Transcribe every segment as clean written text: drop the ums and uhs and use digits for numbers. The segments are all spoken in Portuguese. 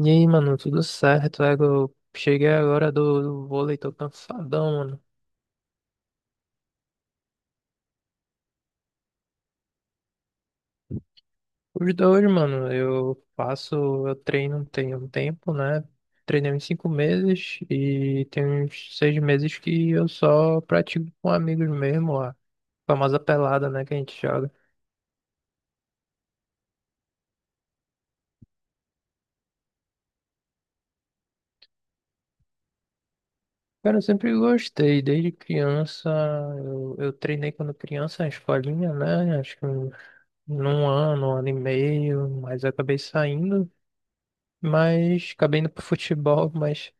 E aí, mano, tudo certo? É, eu cheguei agora do vôlei, tô cansadão, mano. Os dois, mano, eu treino tem um tempo, né? Treinei uns 5 meses e tem uns 6 meses que eu só pratico com amigos mesmo, a famosa pelada, né, que a gente joga. Cara, eu sempre gostei, desde criança, eu treinei quando criança na escolinha, né? Acho que num ano, um ano e meio, mas acabei saindo. Mas acabei indo pro futebol, mas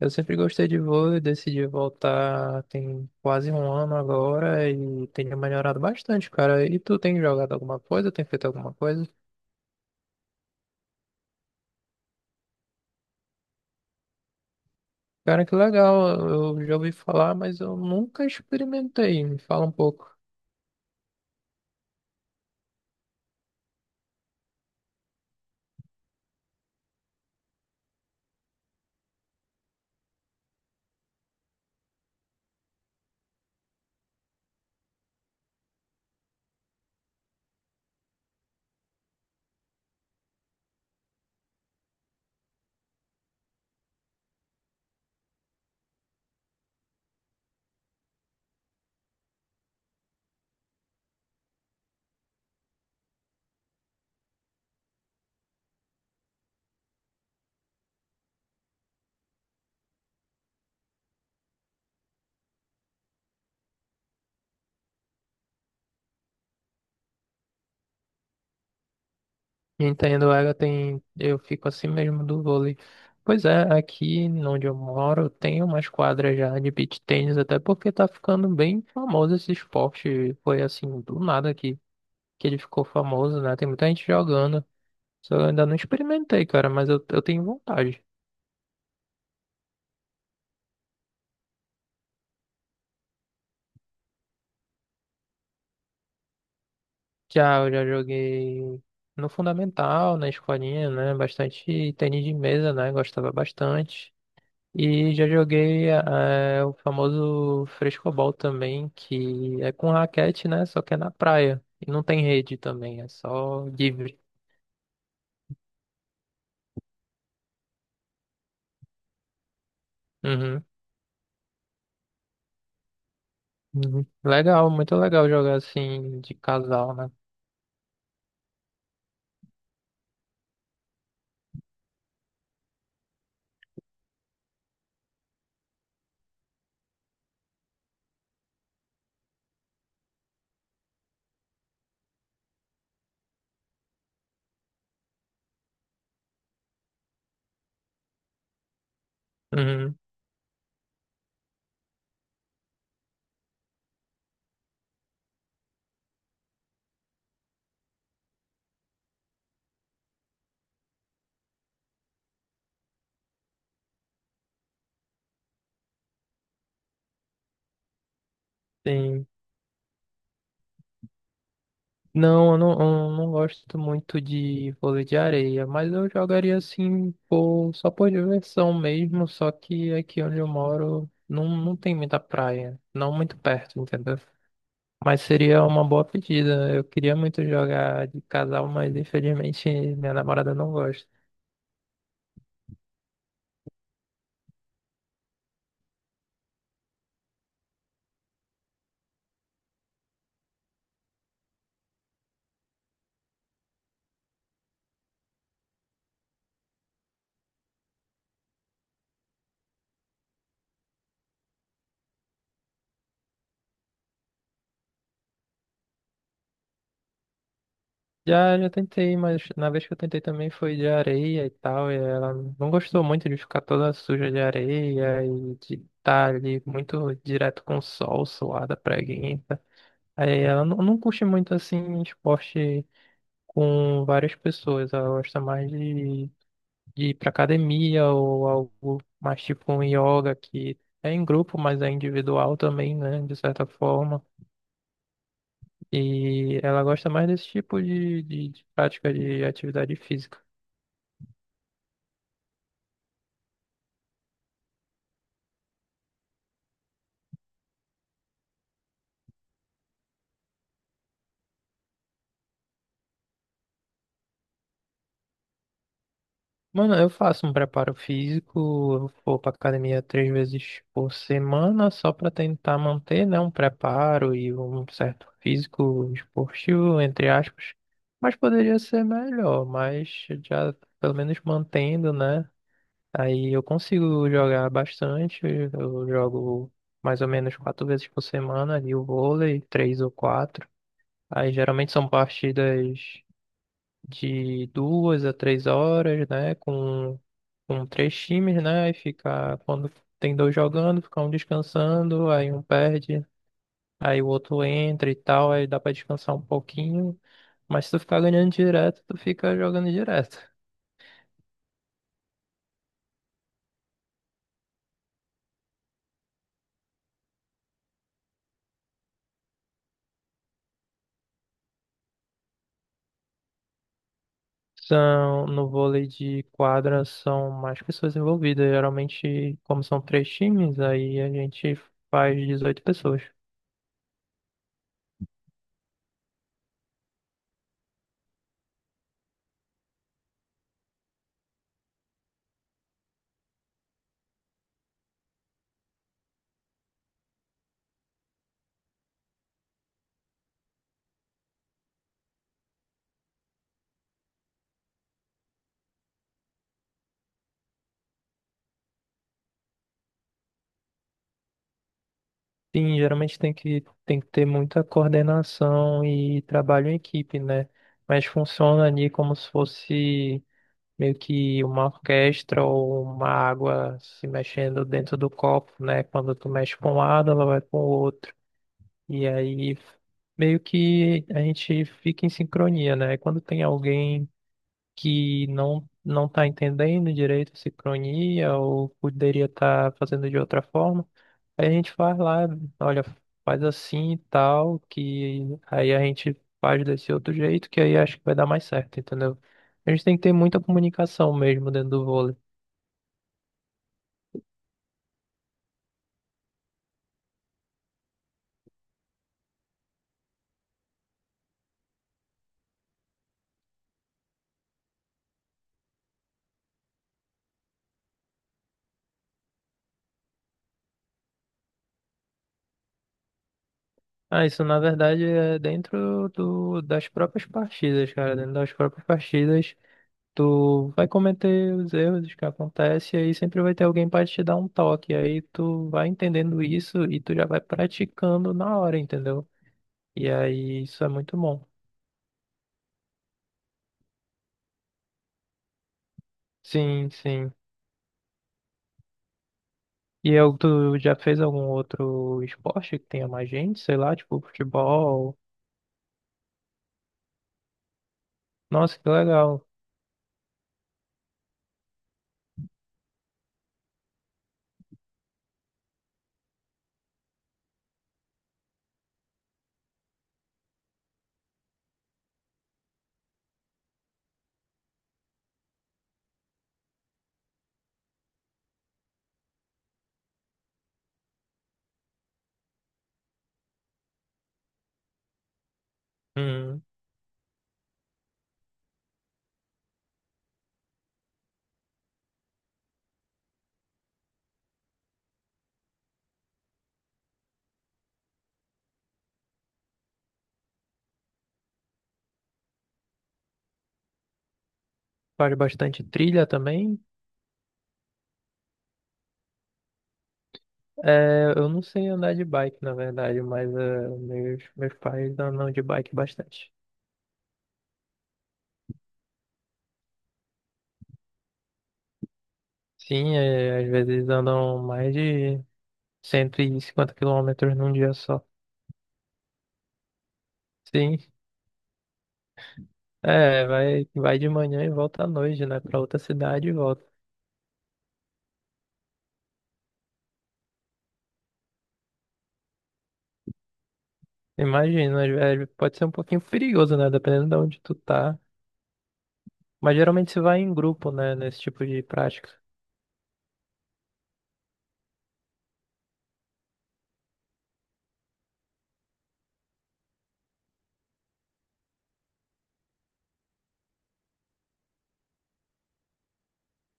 eu sempre gostei de vôlei, decidi voltar tem quase um ano agora e tenho melhorado bastante, cara. E tu tem jogado alguma coisa? Tem feito alguma coisa? Cara, que legal, eu já ouvi falar, mas eu nunca experimentei. Me fala um pouco. Entendo, ela tem, eu fico assim mesmo do vôlei. Pois é, aqui onde eu moro tem umas quadras já de beach tennis, até porque tá ficando bem famoso esse esporte. Foi assim, do nada que ele ficou famoso, né? Tem muita gente jogando. Só eu ainda não experimentei, cara, mas eu tenho vontade. Já, eu já joguei no Fundamental, na escolinha, né? Bastante tênis de mesa, né? Gostava bastante. E já joguei o famoso frescobol também, que é com raquete, né? Só que é na praia. E não tem rede também, é só livre. Uhum. Uhum. Legal, muito legal jogar assim de casal, né? Uhum. Sim. Não, eu não, eu não gosto muito de vôlei de areia, mas eu jogaria assim por, só por diversão mesmo, só que aqui onde eu moro não, não tem muita praia, não muito perto, entendeu? Mas seria uma boa pedida. Eu queria muito jogar de casal, mas infelizmente minha namorada não gosta. Já, já tentei, mas na vez que eu tentei também foi de areia e tal, e ela não gostou muito de ficar toda suja de areia e de estar ali muito direto com o sol, suada, preguiça. Aí ela não, não curte muito assim esporte com várias pessoas, ela gosta mais de ir pra academia ou algo mais tipo um yoga que é em grupo, mas é individual também, né, de certa forma. E ela gosta mais desse tipo de, de prática de atividade física. Mano, eu faço um preparo físico, eu vou pra academia 3 vezes por semana só pra tentar manter, né, um preparo e um certo físico esportivo, entre aspas. Mas poderia ser melhor, mas já pelo menos mantendo, né? Aí eu consigo jogar bastante, eu jogo mais ou menos 4 vezes por semana ali o vôlei, três ou quatro. Aí geralmente são partidas de 2 a 3 horas, né? Com três times, né? E fica, quando tem dois jogando, fica um descansando, aí um perde, aí o outro entra e tal, aí dá pra descansar um pouquinho. Mas se tu ficar ganhando direto, tu fica jogando direto. São, no vôlei de quadra são mais pessoas envolvidas. Geralmente, como são três times, aí a gente faz 18 pessoas. Sim, geralmente tem que ter muita coordenação e trabalho em equipe, né? Mas funciona ali como se fosse meio que uma orquestra ou uma água se mexendo dentro do copo, né? Quando tu mexe para um lado, ela vai para o outro. E aí meio que a gente fica em sincronia, né? Quando tem alguém que não não está entendendo direito a sincronia ou poderia estar fazendo de outra forma, aí a gente faz lá, olha, faz assim e tal, que aí a gente faz desse outro jeito, que aí acho que vai dar mais certo, entendeu? A gente tem que ter muita comunicação mesmo dentro do vôlei. Ah, isso na verdade é dentro do, das próprias partidas, cara. Dentro das próprias partidas, tu vai cometer os erros que acontecem, e aí sempre vai ter alguém para te dar um toque. Aí tu vai entendendo isso e tu já vai praticando na hora, entendeu? E aí isso é muito bom. Sim, sim. E eu, tu já fez algum outro esporte que tenha mais gente? Sei lá, tipo futebol. Nossa, que legal. Hum, faz bastante trilha também. É, eu não sei andar de bike, na verdade, mas é, meus pais andam de bike bastante. Sim, é, às vezes andam mais de 150 quilômetros num dia só. Sim, é, vai, vai de manhã e volta à noite, né? Pra outra cidade e volta. Imagina, às vezes pode ser um pouquinho perigoso, né? Dependendo de onde tu tá. Mas geralmente se vai em grupo, né? Nesse tipo de prática.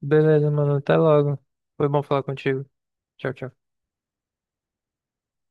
Beleza, mano. Até logo. Foi bom falar contigo. Tchau, tchau.